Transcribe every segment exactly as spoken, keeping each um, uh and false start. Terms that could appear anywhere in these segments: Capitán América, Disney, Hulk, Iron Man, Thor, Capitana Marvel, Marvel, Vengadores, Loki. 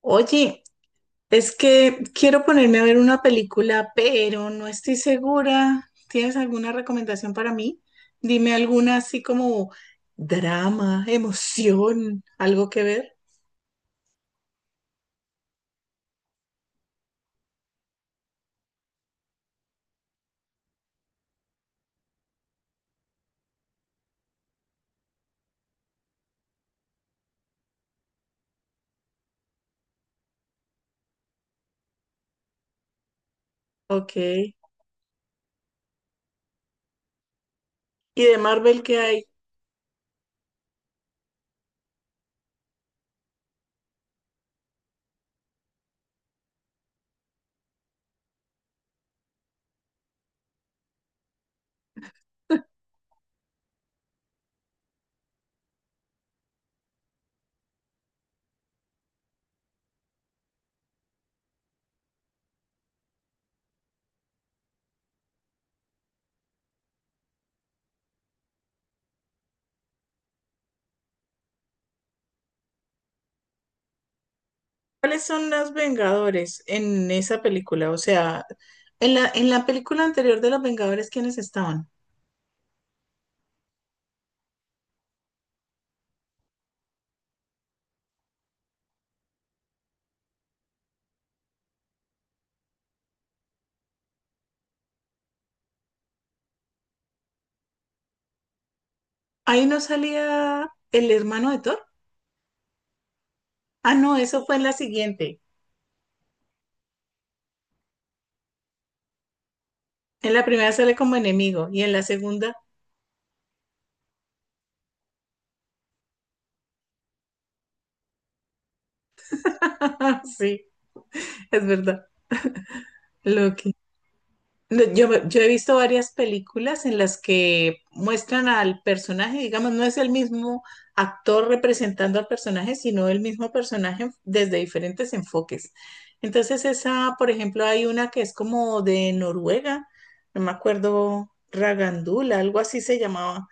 Oye, es que quiero ponerme a ver una película, pero no estoy segura. ¿Tienes alguna recomendación para mí? Dime alguna así como drama, emoción, algo que ver. Ok. ¿Y de Marvel qué hay? ¿Cuáles son los Vengadores en esa película? O sea, en la, en la película anterior de los Vengadores, ¿quiénes estaban? Ahí no salía el hermano de Thor. Ah, no, eso fue en la siguiente. En la primera sale como enemigo y en la segunda. Sí, es verdad. Lo que, lo- yo, me- Yo he visto varias películas en las que muestran al personaje, digamos, no es el mismo actor representando al personaje, sino el mismo personaje desde diferentes enfoques. Entonces, esa, por ejemplo, hay una que es como de Noruega, no me acuerdo, Ragandula, algo así se llamaba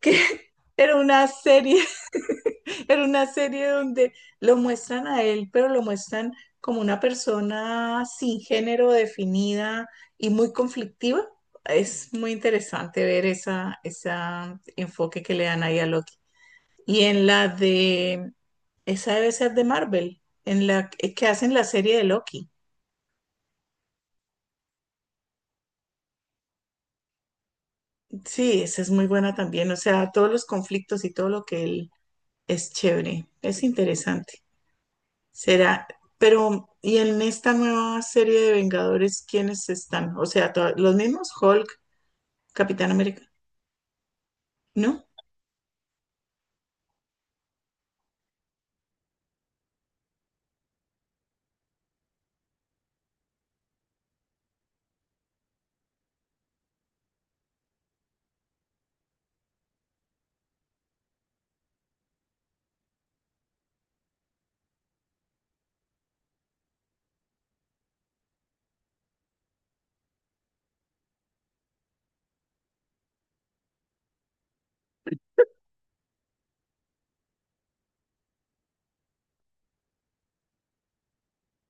que era una serie, era una serie donde lo muestran a él, pero lo muestran como una persona sin género definida y muy conflictiva. Es muy interesante ver esa, esa enfoque que le dan ahí a Loki. Y en la de, esa debe ser de Marvel, en la que que hacen la serie de Loki. Sí, esa es muy buena también. O sea, todos los conflictos y todo lo que él es chévere, es interesante. Será, pero ¿y en esta nueva serie de Vengadores quiénes están? O sea, to- los mismos Hulk, Capitán América, ¿no?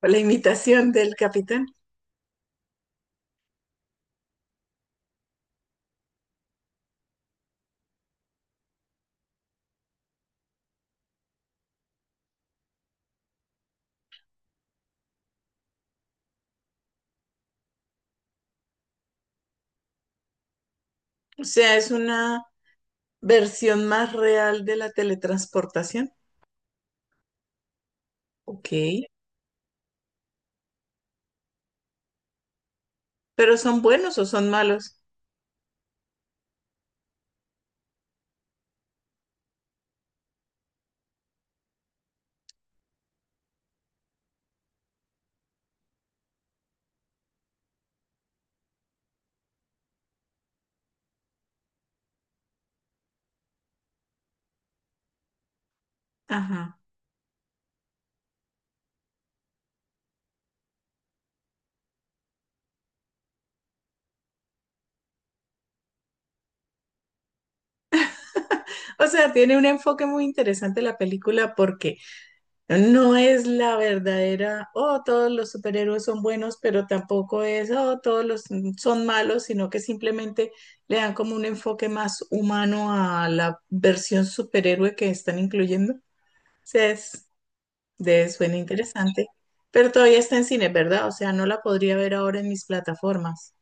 La imitación del Capitán. O sea, es una versión más real de la teletransportación. Ok. Pero ¿son buenos o son malos? Ajá. O sea, tiene un enfoque muy interesante la película porque no es la verdadera, oh, todos los superhéroes son buenos, pero tampoco es, oh, todos los son malos, sino que simplemente le dan como un enfoque más humano a la versión superhéroe que están incluyendo. O sea, es, de, suena interesante, pero todavía está en cine, ¿verdad? O sea, no la podría ver ahora en mis plataformas.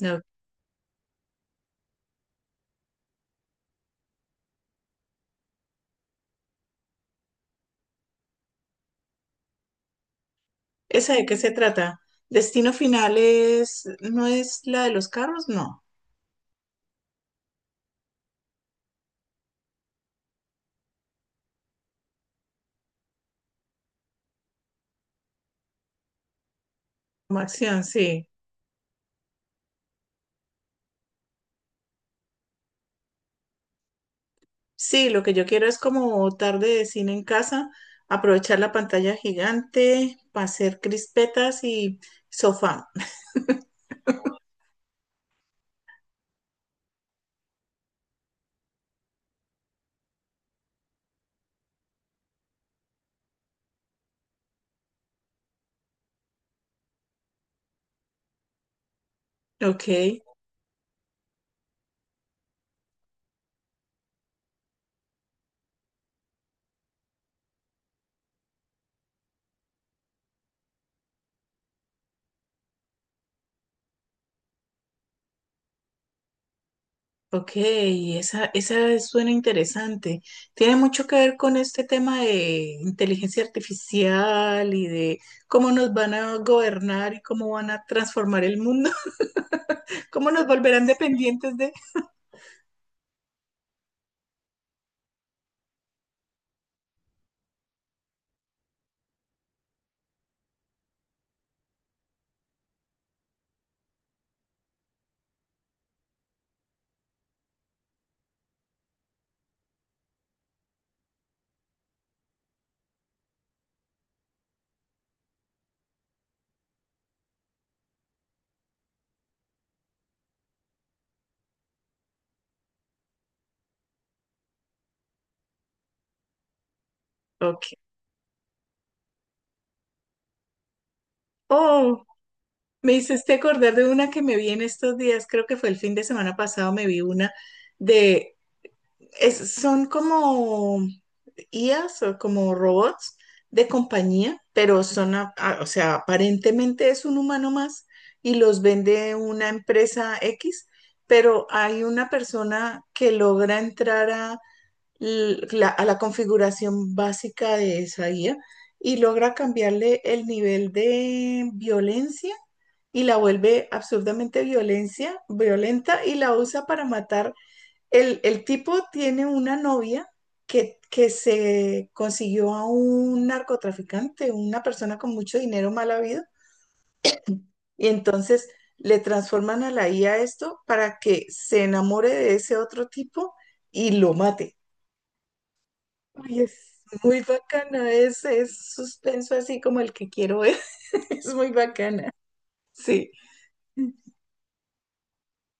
No. ¿Esa de qué se trata? ¿Destino final es, no es la de los carros? No. Como acción, sí. Sí, lo que yo quiero es como tarde de cine en casa, aprovechar la pantalla gigante para hacer crispetas y sofá. Ok, ok, esa, esa suena interesante. Tiene mucho que ver con este tema de inteligencia artificial y de cómo nos van a gobernar y cómo van a transformar el mundo, cómo nos volverán dependientes de... Ok. Oh, me hiciste acordar de una que me vi en estos días, creo que fue el fin de semana pasado, me vi una de es- son como I As o como robots de compañía, pero son, a- a- o sea, aparentemente es un humano más y los vende una empresa X, pero hay una persona que logra entrar a l- la, a la configuración básica de esa I A y logra cambiarle el nivel de violencia. Y la vuelve absurdamente violencia, violenta y la usa para matar el, el tipo tiene una novia que, que se consiguió a un narcotraficante, una persona con mucho dinero mal habido, y entonces le transforman a la I a esto para que se enamore de ese otro tipo y lo mate. Ay, es muy bacana, es, es suspenso así como el que quiero ver, es muy bacana, sí.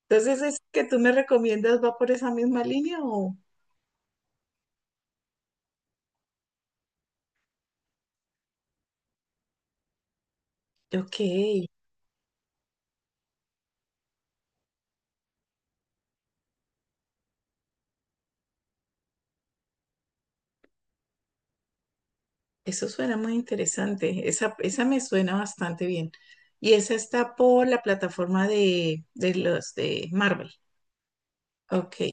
Entonces, ¿es que tú me recomiendas va por esa misma línea o? Ok. Eso suena muy interesante. Esa, esa me suena bastante bien. Y esa está por la plataforma de, de los de Marvel. Ok.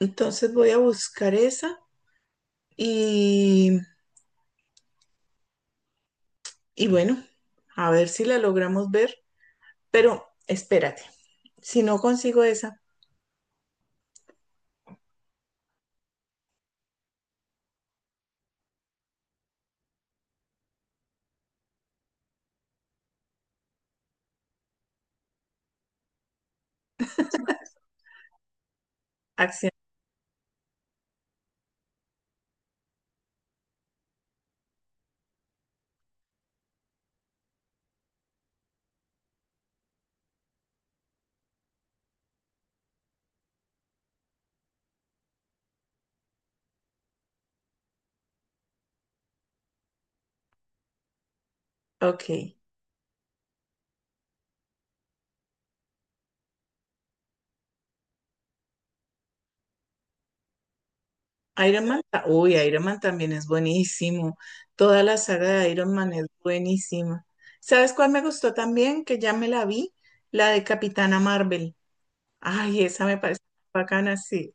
Entonces voy a buscar esa y, y bueno, a ver si la logramos ver. Pero espérate, si no consigo esa, acción. Ok. Iron Man, ta- uy, Iron Man también es buenísimo. Toda la saga de Iron Man es buenísima. ¿Sabes cuál me gustó también? Que ya me la vi, la de Capitana Marvel. Ay, esa me parece bacana, sí.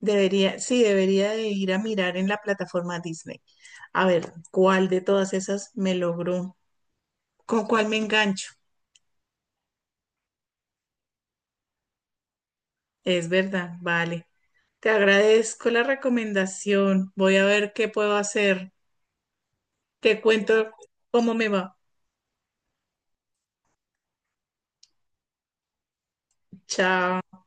Debería, sí, debería de ir a mirar en la plataforma Disney. A ver, ¿cuál de todas esas me logró? ¿Con cuál me engancho? Es verdad, vale. Te agradezco la recomendación. Voy a ver qué puedo hacer. Te cuento cómo me va. Chao.